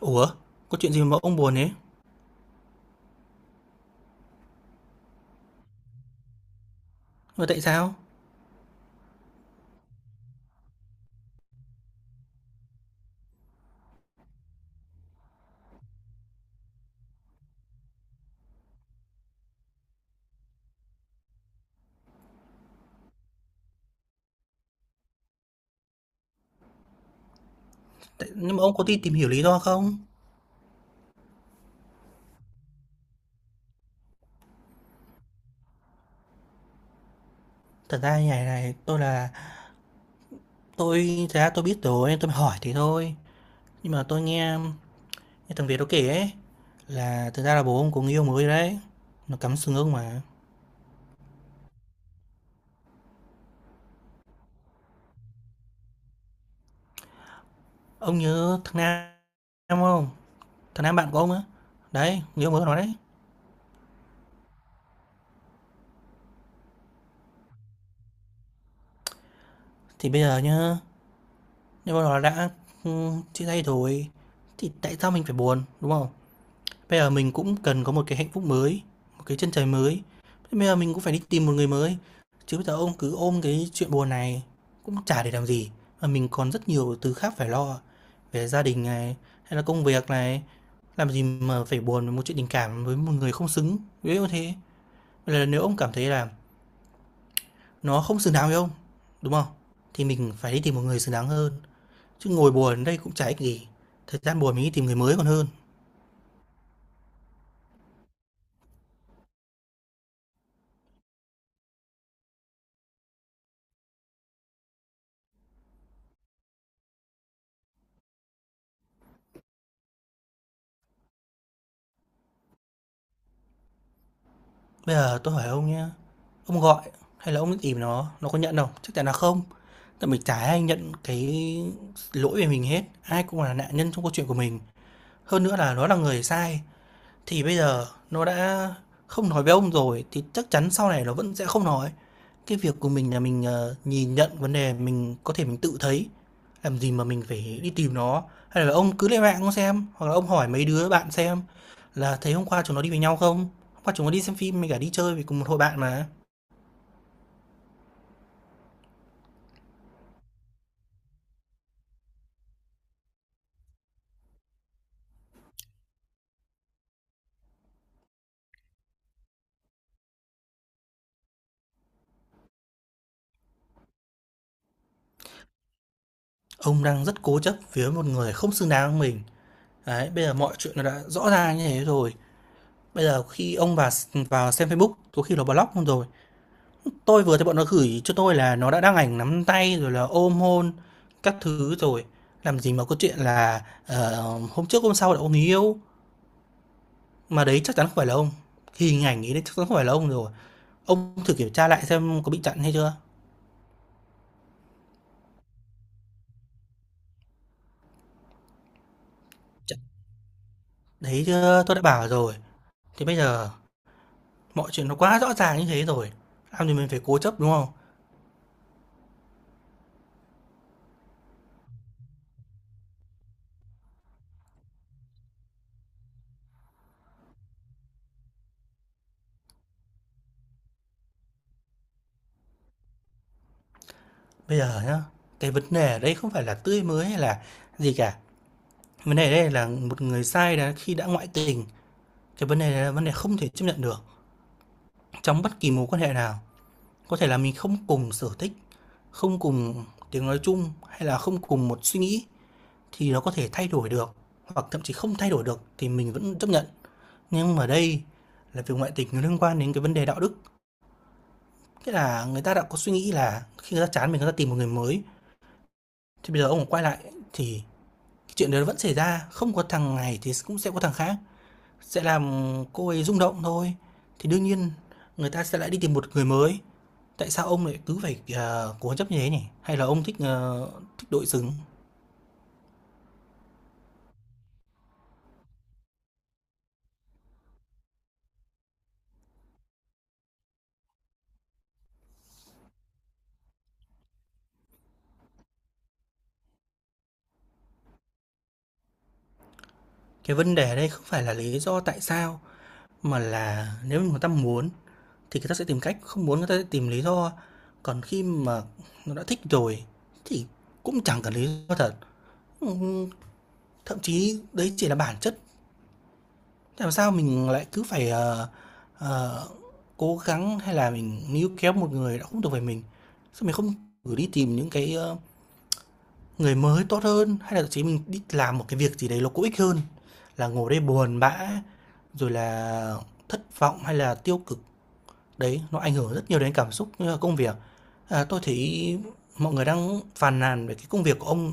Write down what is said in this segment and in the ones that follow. Ủa, có chuyện gì mà ông buồn thế? Mà tại sao? Tại, nhưng mà ông có đi tìm hiểu lý do không? Thật ra như này này, tôi thật ra tôi biết rồi, nên tôi mới hỏi thế thôi. Nhưng mà tôi nghe thằng Việt nó kể ấy là thật ra là bố ông có người yêu mới đấy. Nó cắm sừng ông mà. Ông nhớ thằng Nam Nam không? Thằng Nam bạn của ông á. Đấy, người yêu mới của nó đấy. Thì bây giờ nhá, nếu mà nó đã chia tay rồi thì tại sao mình phải buồn, đúng không? Bây giờ mình cũng cần có một cái hạnh phúc mới, một cái chân trời mới. Bây giờ mình cũng phải đi tìm một người mới. Chứ bây giờ ông cứ ôm cái chuyện buồn này cũng chả để làm gì. Mà mình còn rất nhiều thứ khác phải lo. Về gia đình này, hay là công việc này. Làm gì mà phải buồn với một chuyện tình cảm với một người không xứng. Ví dụ thế. Vậy là nếu ông cảm thấy là nó không xứng đáng với ông, đúng không? Thì mình phải đi tìm một người xứng đáng hơn. Chứ ngồi buồn ở đây cũng chả ích gì. Thời gian buồn mình đi tìm người mới còn hơn. Bây giờ tôi hỏi ông nhé, ông gọi hay là ông tìm nó có nhận không? Chắc chắn là không. Tại mình chả ai nhận cái lỗi về mình hết, ai cũng là nạn nhân trong câu chuyện của mình. Hơn nữa là nó là người sai, thì bây giờ nó đã không nói với ông rồi thì chắc chắn sau này nó vẫn sẽ không nói. Cái việc của mình là mình, nhìn nhận vấn đề mình có thể mình tự thấy, làm gì mà mình phải đi tìm nó. Hay là ông cứ lên mạng ông xem, hoặc là ông hỏi mấy đứa bạn xem là thấy hôm qua chúng nó đi với nhau không? Hôm qua chúng nó đi xem phim với cả đi chơi với cùng một hội bạn mà." Ông đang rất cố chấp với một người không xứng đáng với mình. Đấy, bây giờ mọi chuyện nó đã rõ ra như thế rồi, bây giờ khi ông vào vào xem Facebook, có khi nó block luôn rồi. Tôi vừa thấy bọn nó gửi cho tôi là nó đã đăng ảnh nắm tay rồi là ôm hôn các thứ rồi, làm gì mà có chuyện là, ờ, hôm trước hôm sau là ông người yêu, mà đấy chắc chắn không phải là ông. Hình ảnh ấy đấy chắc chắn không phải là ông rồi. Ông thử kiểm tra lại xem có bị chặn hay chưa? Chặn đấy chưa tôi đã bảo rồi. Thì bây giờ mọi chuyện nó quá rõ ràng như thế rồi, làm gì mình phải cố chấp, đúng không? Bây giờ nhá, cái vấn đề ở đây không phải là tươi mới hay là gì cả, vấn đề ở đây là một người sai đã khi đã ngoại tình, cái vấn đề này là vấn đề không thể chấp nhận được. Trong bất kỳ mối quan hệ nào, có thể là mình không cùng sở thích, không cùng tiếng nói chung hay là không cùng một suy nghĩ thì nó có thể thay đổi được, hoặc thậm chí không thay đổi được thì mình vẫn chấp nhận. Nhưng mà đây là việc ngoại tình nó liên quan đến cái vấn đề đạo đức. Nghĩa là người ta đã có suy nghĩ là khi người ta chán mình người ta tìm một người mới thì bây giờ ông quay lại thì cái chuyện đó vẫn xảy ra, không có thằng này thì cũng sẽ có thằng khác. Sẽ làm cô ấy rung động thôi, thì đương nhiên người ta sẽ lại đi tìm một người mới. Tại sao ông lại cứ phải, cố chấp như thế nhỉ? Hay là ông thích, thích đội xứng? Cái vấn đề ở đây không phải là lý do tại sao, mà là nếu người ta muốn thì người ta sẽ tìm cách, không muốn người ta sẽ tìm lý do. Còn khi mà nó đã thích rồi thì cũng chẳng cần lý do thật. Thậm chí đấy chỉ là bản chất. Làm sao mình lại cứ phải, ờ, cố gắng hay là mình níu kéo một người đã không thuộc về mình? Sao mình không thử đi tìm những cái, người mới tốt hơn, hay là thậm chí mình đi làm một cái việc gì đấy nó có ích hơn là ngồi đây buồn bã, rồi là thất vọng hay là tiêu cực. Đấy, nó ảnh hưởng rất nhiều đến cảm xúc như là công việc. À, tôi thấy mọi người đang phàn nàn về cái công việc của ông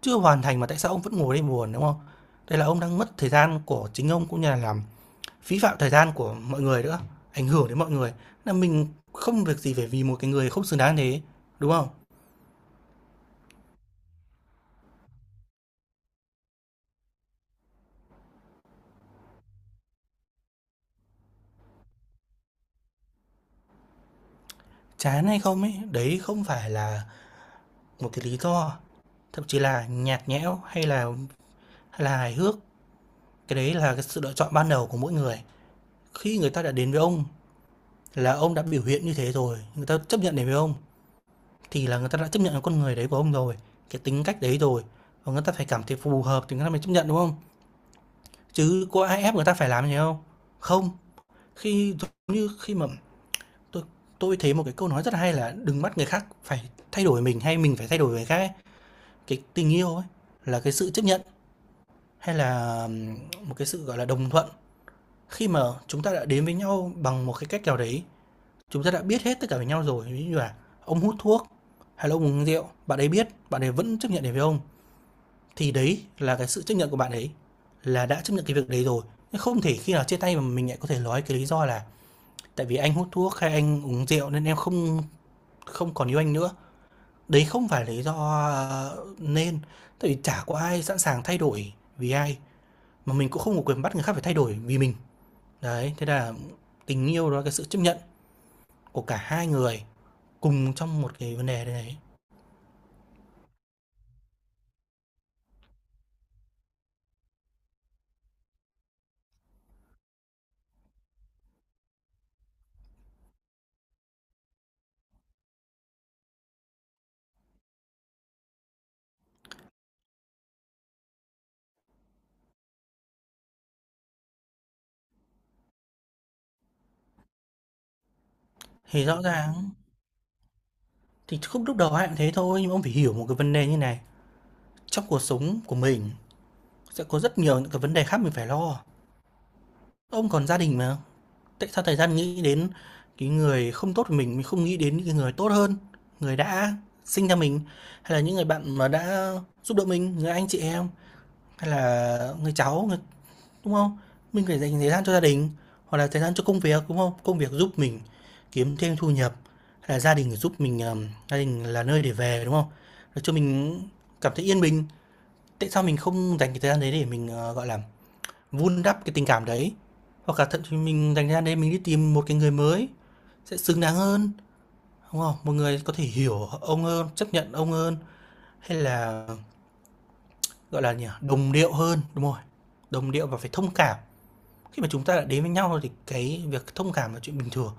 chưa hoàn thành mà tại sao ông vẫn ngồi đây buồn, đúng không? Đây là ông đang mất thời gian của chính ông cũng như là làm phí phạm thời gian của mọi người nữa, ảnh hưởng đến mọi người. Là mình không việc gì phải vì một cái người không xứng đáng thế, đúng không? Chán hay không ấy, đấy không phải là một cái lý do, thậm chí là nhạt nhẽo hay là hài hước, cái đấy là cái sự lựa chọn ban đầu của mỗi người. Khi người ta đã đến với ông là ông đã biểu hiện như thế rồi, người ta chấp nhận đến với ông thì là người ta đã chấp nhận con người đấy của ông rồi, cái tính cách đấy rồi. Và người ta phải cảm thấy phù hợp thì người ta mới chấp nhận đúng không? Chứ có ai ép người ta phải làm gì không? Không. Khi giống như khi mà tôi tôi thấy một cái câu nói rất là hay là "Đừng bắt người khác phải thay đổi mình hay mình phải thay đổi người khác" ấy. Cái tình yêu ấy là cái sự chấp nhận hay là, một cái sự, gọi là, đồng thuận. Khi mà chúng ta đã đến với nhau bằng một cái cách nào đấy, chúng ta đã biết hết tất cả về nhau rồi, ví dụ như là ông hút thuốc hay là ông uống rượu, bạn ấy biết, bạn ấy vẫn chấp nhận đến với ông, thì đấy là cái sự chấp nhận của bạn ấy, là đã chấp nhận cái việc đấy rồi. Không thể khi nào chia tay mà mình lại có thể nói cái lý do là tại vì anh hút thuốc hay anh uống rượu nên em không không còn yêu anh nữa. Đấy không phải lý do, nên, tại vì chả có ai sẵn sàng thay đổi vì ai, mà mình cũng không có quyền bắt người khác phải thay đổi vì mình. Đấy, thế là tình yêu đó là cái sự chấp nhận của cả hai người cùng trong một cái vấn đề đấy. Thì rõ ràng thì khúc lúc đầu ai cũng thế thôi, nhưng mà ông phải hiểu một cái vấn đề như này, trong cuộc sống của mình sẽ có rất nhiều những cái vấn đề khác mình phải lo. Ông còn gia đình mà. Tại sao thời gian nghĩ đến cái người không tốt của mình không nghĩ đến những cái người tốt hơn, người đã sinh ra mình, hay là những người bạn mà đã giúp đỡ mình, người anh chị em, hay là người cháu, người đúng không? Mình phải dành thời gian cho gia đình, hoặc là thời gian cho công việc, đúng không? Công việc giúp mình kiếm thêm thu nhập, hay là gia đình giúp mình, gia đình là nơi để về, đúng không? Để cho mình cảm thấy yên bình. Tại sao mình không dành cái thời gian đấy để mình, gọi là, vun đắp cái tình cảm đấy, hoặc là thậm chí mình dành ra đấy mình đi tìm một cái người mới sẽ xứng đáng hơn, đúng không? Một người có thể hiểu ông hơn, chấp nhận ông hơn, hay là, gọi là nhỉ, đồng điệu hơn, đúng rồi, đồng điệu và phải thông cảm. Khi mà chúng ta đã đến với nhau rồi thì cái việc thông cảm là chuyện bình thường.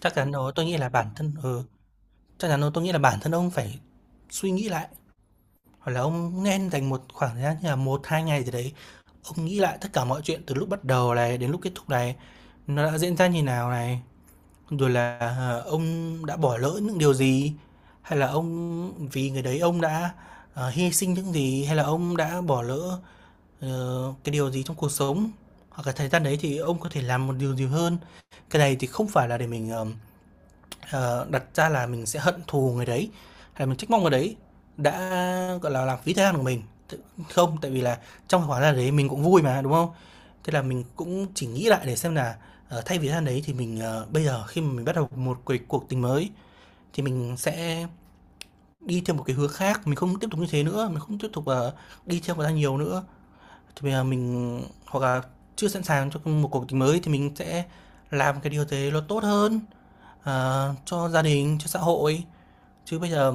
Chắc chắn đó, tôi nghĩ là bản thân ừ, Chắc chắn đó, tôi nghĩ là bản thân ông phải suy nghĩ lại. Hoặc là ông nên dành một khoảng thời gian như là một 2 ngày gì đấy, ông nghĩ lại tất cả mọi chuyện từ lúc bắt đầu này đến lúc kết thúc này, nó đã diễn ra như nào này, rồi là, ông đã bỏ lỡ những điều gì, hay là ông vì người đấy ông đã, hy sinh những gì, hay là ông đã bỏ lỡ, cái điều gì trong cuộc sống. Hoặc là thời gian đấy thì ông có thể làm một điều gì hơn. Cái này thì không phải là để mình, Ờ, đặt ra là mình sẽ hận thù người đấy, hay là mình trách móc người đấy đã, gọi là, làm phí thời gian của mình. Không, tại vì là trong cái khoảng thời gian đấy mình cũng vui mà, đúng không? Thế là mình cũng chỉ nghĩ lại để xem là, thay vì thời gian đấy thì mình, bây giờ khi mà mình bắt đầu một cái cuộc tình mới thì mình sẽ đi theo một cái hướng khác, mình không tiếp tục như thế nữa, mình không tiếp tục, đi theo người ta nhiều nữa. Thì bây giờ mình hoặc là chưa sẵn sàng cho một cuộc tình mới thì mình sẽ làm cái điều gì đấy nó tốt hơn, cho gia đình, cho xã hội. Chứ bây giờ,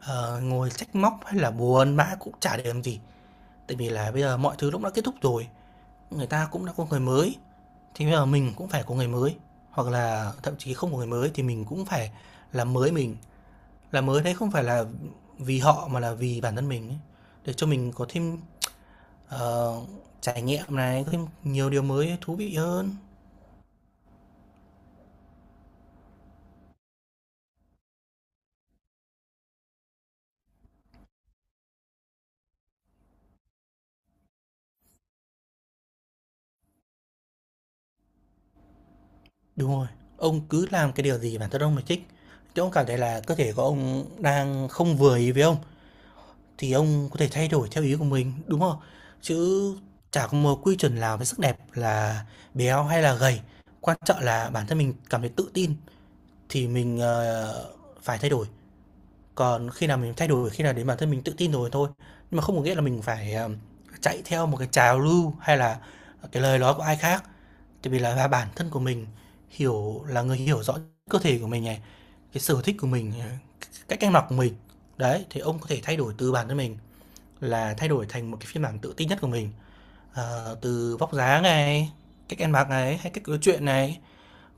ờ, ngồi trách móc hay là buồn bã cũng chả để làm gì, tại vì là bây giờ mọi thứ lúc đã kết thúc rồi, người ta cũng đã có người mới, thì bây giờ mình cũng phải có người mới, hoặc là thậm chí không có người mới thì mình cũng phải làm mới mình. Làm mới đấy không phải là vì họ mà là vì bản thân mình ấy, để cho mình có thêm, ờ, trải nghiệm này, có thêm nhiều điều mới thú vị hơn. Đúng rồi, ông cứ làm cái điều gì bản thân ông là thích, chứ ông cảm thấy là cơ thể của ông đang không vừa ý với ông thì ông có thể thay đổi theo ý của mình, đúng không? Chứ chả có một quy chuẩn nào về sắc đẹp là béo hay là gầy, quan trọng là bản thân mình cảm thấy tự tin thì mình, phải thay đổi. Còn khi nào mình thay đổi khi nào đến bản thân mình tự tin rồi thôi, nhưng mà không có nghĩa là mình phải, chạy theo một cái trào lưu hay là cái lời nói của ai khác. Tại vì là bản thân của mình hiểu là người hiểu rõ cơ thể của mình này, cái sở thích của mình, cách ăn mặc của mình. Đấy, thì ông có thể thay đổi từ bản thân mình. Là thay đổi thành một cái phiên bản tự tin nhất của mình, từ vóc dáng này, cách ăn mặc này, hay cách nói chuyện này.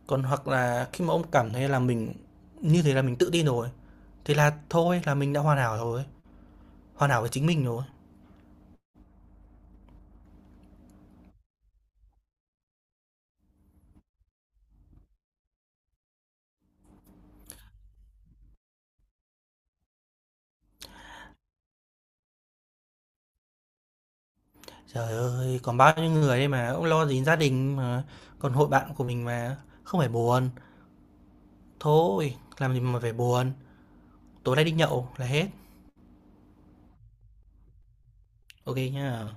Còn hoặc là khi mà ông cảm thấy là mình như thế là mình tự tin rồi, thì là thôi là mình đã hoàn hảo rồi, hoàn hảo với chính mình rồi. Trời ơi, còn bao nhiêu người đây mà, ông lo gì gia đình mà, còn hội bạn của mình mà, không phải buồn. Thôi, làm gì mà phải buồn, tối nay đi nhậu là hết. OK nhá.